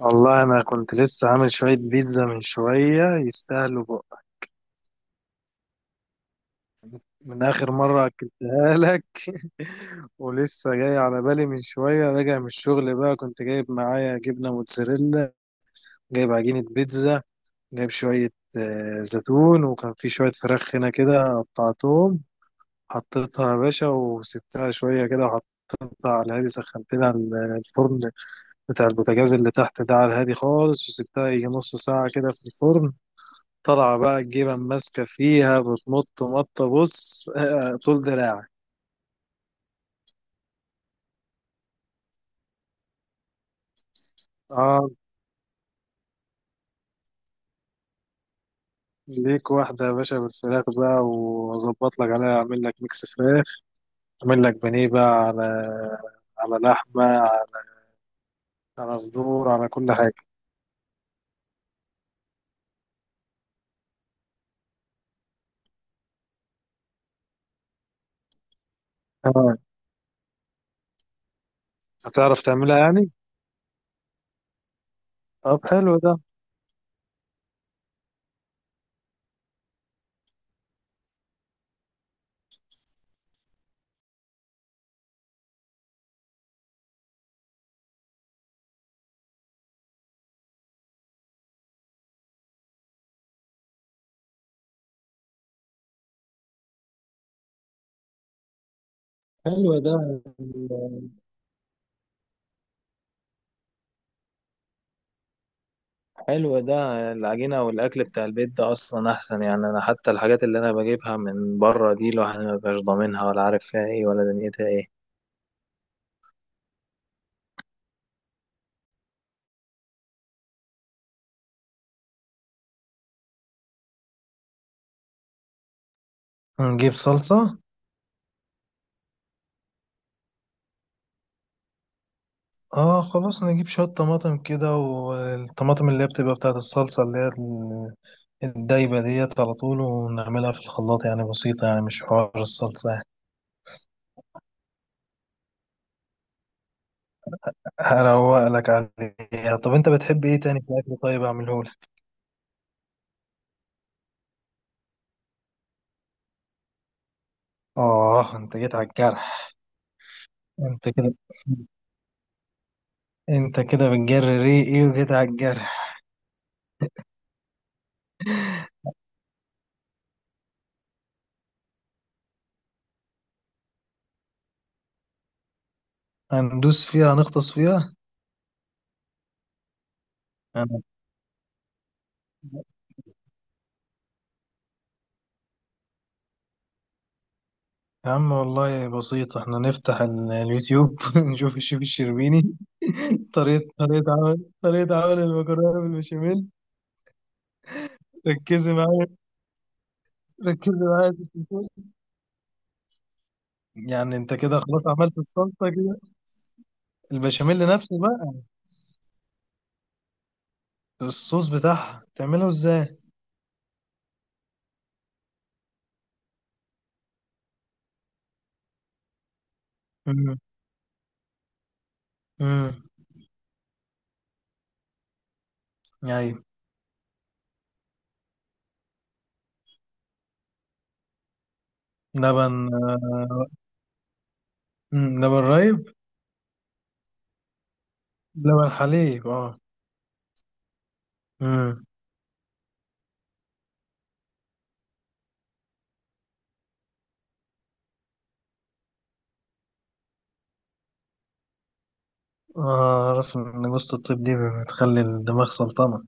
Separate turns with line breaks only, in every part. والله انا كنت لسه عامل شويه بيتزا من شويه يستاهلوا بقى. من اخر مره اكلتها لك. ولسه جاي على بالي، من شويه راجع من الشغل بقى، كنت جايب معايا جبنه موتزاريلا، جايب عجينه بيتزا، جايب شويه زيتون، وكان في شويه فراخ هنا كده قطعتهم، حطيتها يا باشا وسبتها شويه كده وحطيتها على الهادي. سخنت لها الفرن بتاع البوتاجاز اللي تحت ده على الهادي خالص، وسبتها يجي نص ساعه كده في الفرن. طالعة بقى الجبن ماسكة فيها بتمط مطة، بص طول دراعك. اه، ليك واحدة يا باشا بالفراخ بقى، وأظبط لك عليها، أعمل لك ميكس فراخ، أعمل لك بانيه بقى على لحمة، على صدور، على كل حاجة. آه. هتعرف تعملها يعني؟ طب حلو ده. حلو ده. حلو ده. العجينة والأكل بتاع البيت ده أصلا أحسن يعني. أنا حتى الحاجات اللي أنا بجيبها من بره دي، الواحد مبيبقاش ضامنها ولا عارف فيها إيه ولا دنيتها إيه. نجيب صلصة. اه خلاص، نجيب شوية طماطم كده، والطماطم اللي هي بتبقى بتاعة الصلصة اللي هي الدايبة ديت، على طول ونعملها في الخلاط، يعني بسيطة يعني، مش حوار الصلصة يعني. هروق لك عليها. طب انت بتحب ايه تاني في الأكل؟ طيب اعملهولك. اه انت جيت على الجرح. انت كده انت كده بتجري ريقي، ايه وجيت على الجرح. هندوس فيها، هنغطس فيها. أنا- يا عم والله بسيط، احنا نفتح اليوتيوب نشوف الشيف الشربيني طريقة عمل المكرونة بالبشاميل. ركزي معايا ركزي معايا في التفاصيل. يعني انت كده خلاص عملت الصلصة كده. البشاميل نفسه بقى، الصوص بتاعها تعمله ازاي؟ امم امم، يعني لبن لبن رايب؟ لبن حليب اه. امم. اعرف ان جوزة الطيب دي بتخلي الدماغ سلطنة.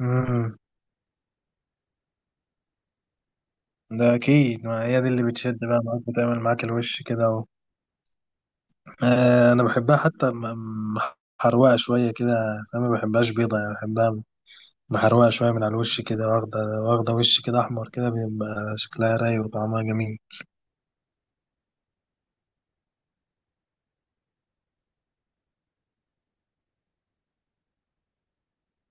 امم. ده اكيد، ما هي دي اللي بتشد بقى معاك، بتعمل معاك الوش كده. انا بحبها حتى م- محروقه شويه كده. انا ما بحبهاش بيضه، يعني بحبها محروقه شويه من على الوش كده، واخده واخده وش كده احمر كده، بيبقى شكلها رايق وطعمها جميل.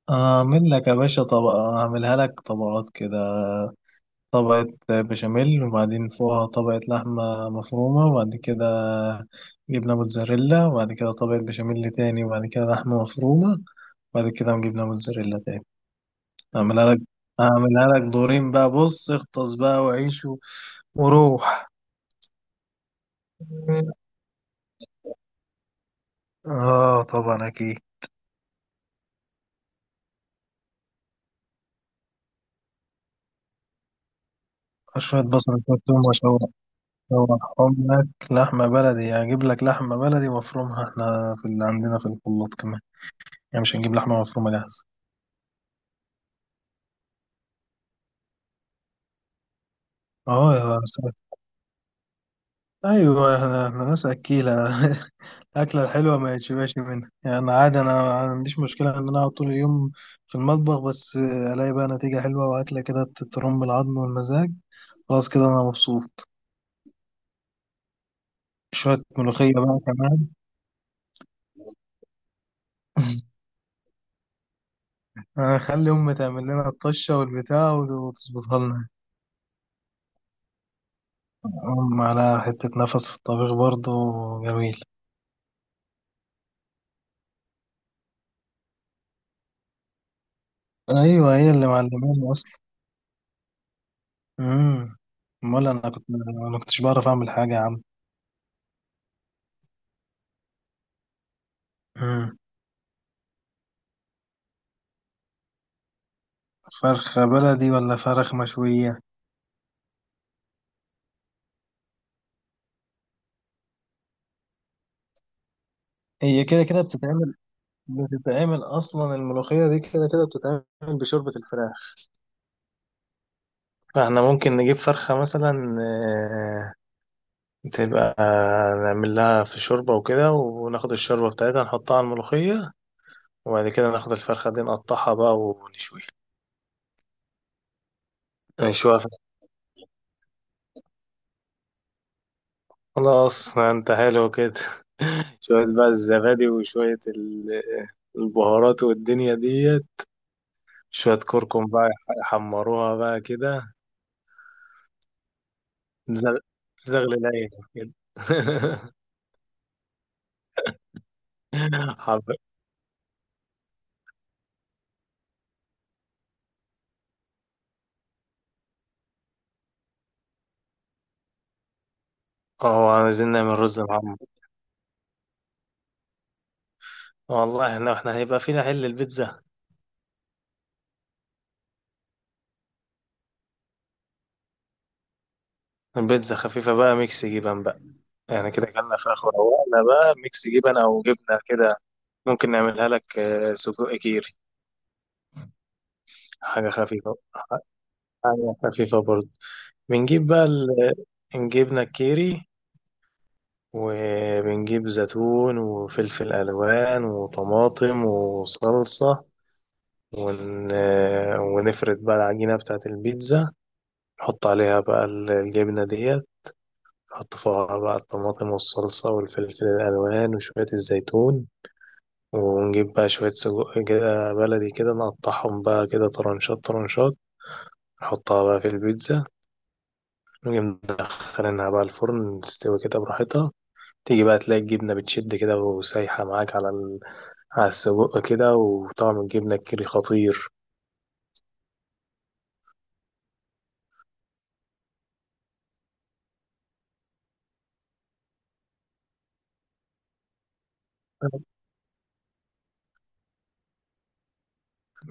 اعمل لك يا باشا طبقه، اعملها لك طبقات كده، طبقه بشاميل وبعدين فوقها طبقه لحمه مفرومه، وبعد كده جبنه موتزاريلا، وبعد كده طبقه بشاميل تاني، وبعد كده لحمه مفرومه، وبعد كده جبنه موتزاريلا تاني. اعملها لك اعملها لك دورين بقى، بص اغطس بقى وعيش وروح. اه طبعا اكيد. شوية بصل، شوية ثوم، اشوحهم لك. لحمة بلدي هجيب لك لحمة بلدي وافرمها احنا في اللي عندنا في الخلاط كمان، يعني مش هنجيب لحمة مفرومة جاهزة. اه يا سلام. ايوه، احنا ناس اكيلة. الأكلة الحلوة ما يتشبعش منها يعني، عادي أنا ما عنديش مشكلة إن أنا أقعد طول اليوم في المطبخ، بس ألاقي بقى نتيجة حلوة وأكلة كده، ترم العظم والمزاج. خلاص كده أنا مبسوط. شوية ملوخية بقى كمان. خلي أمي تعمل لنا الطشة والبتاع وتظبطها لنا. أم على حتة نفس في الطبيخ برضو. جميل. أيوة هي اللي معلماني أصلا. أمم. أمال أنا كنتش بعرف أعمل حاجة يا عم. أمم. فرخة بلدي ولا فرخ مشوية؟ هي كده كده بتتعمل. بتتعمل أصلا الملوخية دي كده كده بتتعمل بشوربة الفراخ، فاحنا ممكن نجيب فرخة مثلا تبقى نعمل لها في شوربة وكده، وناخد الشوربة بتاعتها نحطها على الملوخية، وبعد كده ناخد الفرخة دي نقطعها بقى ونشويها. نشويها. خلاص انت حلو كده. شوية بقى الزبادي وشوية البهارات والدنيا ديت، شوية كركم بقى، يحمروها بقى كده. زغ- زغل العين كده. حب- اه عايزين نعمل رز معمر. والله احنا هيبقى فينا حل البيتزا. البيتزا خفيفة بقى، ميكس جبن بقى يعني، كده كلنا فراخ وروقنا بقى، ميكس جبن او جبنة كده. ممكن نعملها لك سجق كيري. حاجة خفيفة. حاجة خفيفة برضه. بنجيب بقى نجيب نكيري، وبنجيب زيتون وفلفل ألوان وطماطم وصلصة، ون... آه، ونفرد بقى العجينة بتاعة البيتزا، نحط عليها بقى الجبنة ديت، نحط فوقها بقى الطماطم والصلصة والفلفل الألوان وشوية الزيتون، ونجيب بقى شوية سجق كده بلدي كده، نقطعهم بقى كده طرنشات طرنشات، نحطها بقى في البيتزا، ونجي مدخلينها بقى الفرن تستوي كده براحتها. تيجي بقى تلاقي الجبنة بتشد كده وسايحة معاك على على السجق كده، وطعم الجبنة الكيري خطير.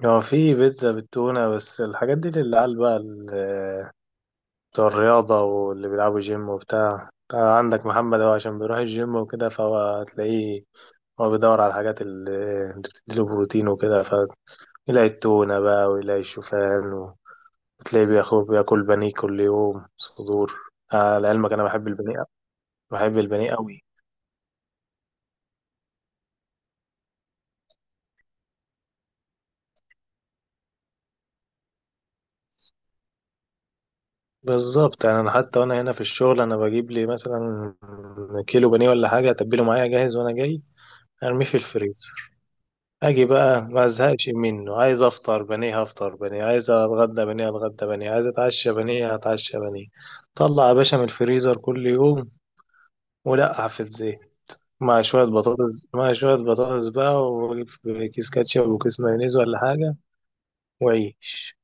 هو في بيتزا بالتونة، بس الحاجات دي للعيال بقى، بتوع الرياضة واللي بيلعبوا جيم وبتاع. أنت عندك محمد هو عشان بيروح الجيم وكده، فهو هتلاقيه هو بيدور على الحاجات اللي بتديله بروتين وكده، فيلاقي التونة بقى ويلاقي الشوفان. بتلاقيه بياخد بياكل بانيه كل يوم صدور. آه لعلمك انا بحب البانيه. بحب البانيه قوي. بالظبط، يعني انا حتى وانا هنا في الشغل، انا بجيب لي مثلا كيلو بانيه ولا حاجه، اتبله معايا جاهز وانا جاي ارميه في الفريزر. اجي بقى ما ازهقش منه، عايز افطر بانيه هفطر بانيه، عايز اتغدى بانيه اتغدى بانيه، عايز اتعشى بانيه هتعشى بانيه. طلع يا باشا من الفريزر كل يوم ولقع في الزيت، مع شويه بطاطس، مع شويه بطاطس بقى، وكيس كاتشب وكيس مايونيز ولا حاجه، وعيش.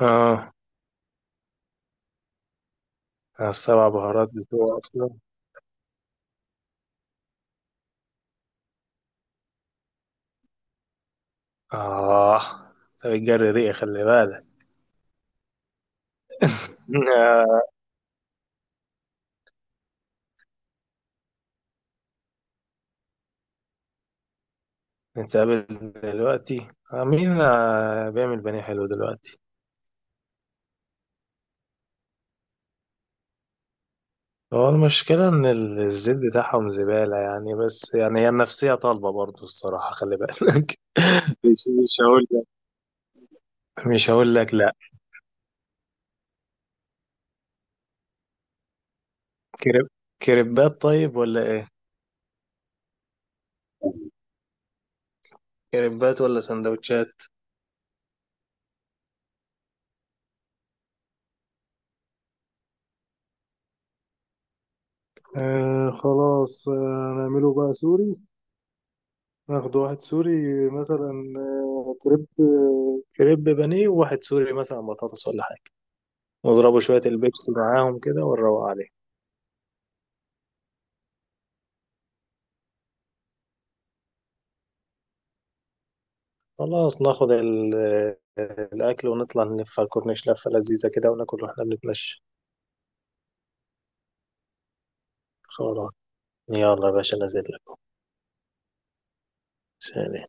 اه السبع بهارات بتوع اصلا. اه طب الجري ريقي خلي بالك. آه. نتقابل دلوقتي. آه. مين بيعمل بانيه حلو دلوقتي؟ هو المشكلة ان الزيت بتاعهم زبالة يعني، بس يعني هي النفسية طالبة برضو الصراحة خلي بالك. مش هقول لك. مش هقول لك لا. كريب كريبات طيب ولا ايه؟ كريبات ولا سندوتشات؟ آه خلاص آه. نعمله بقى سوري، ناخد واحد سوري مثلا، كريب بانيه، وواحد سوري مثلا بطاطس ولا حاجة. ونضربوا شوية البيبسي معاهم كده ونروق عليه. خلاص ناخد الأكل، ونطلع نلف على الكورنيش لفة لذيذة كده، وناكل واحنا بنتمشى. خلاص يلا يا باشا نازل لكم. سلام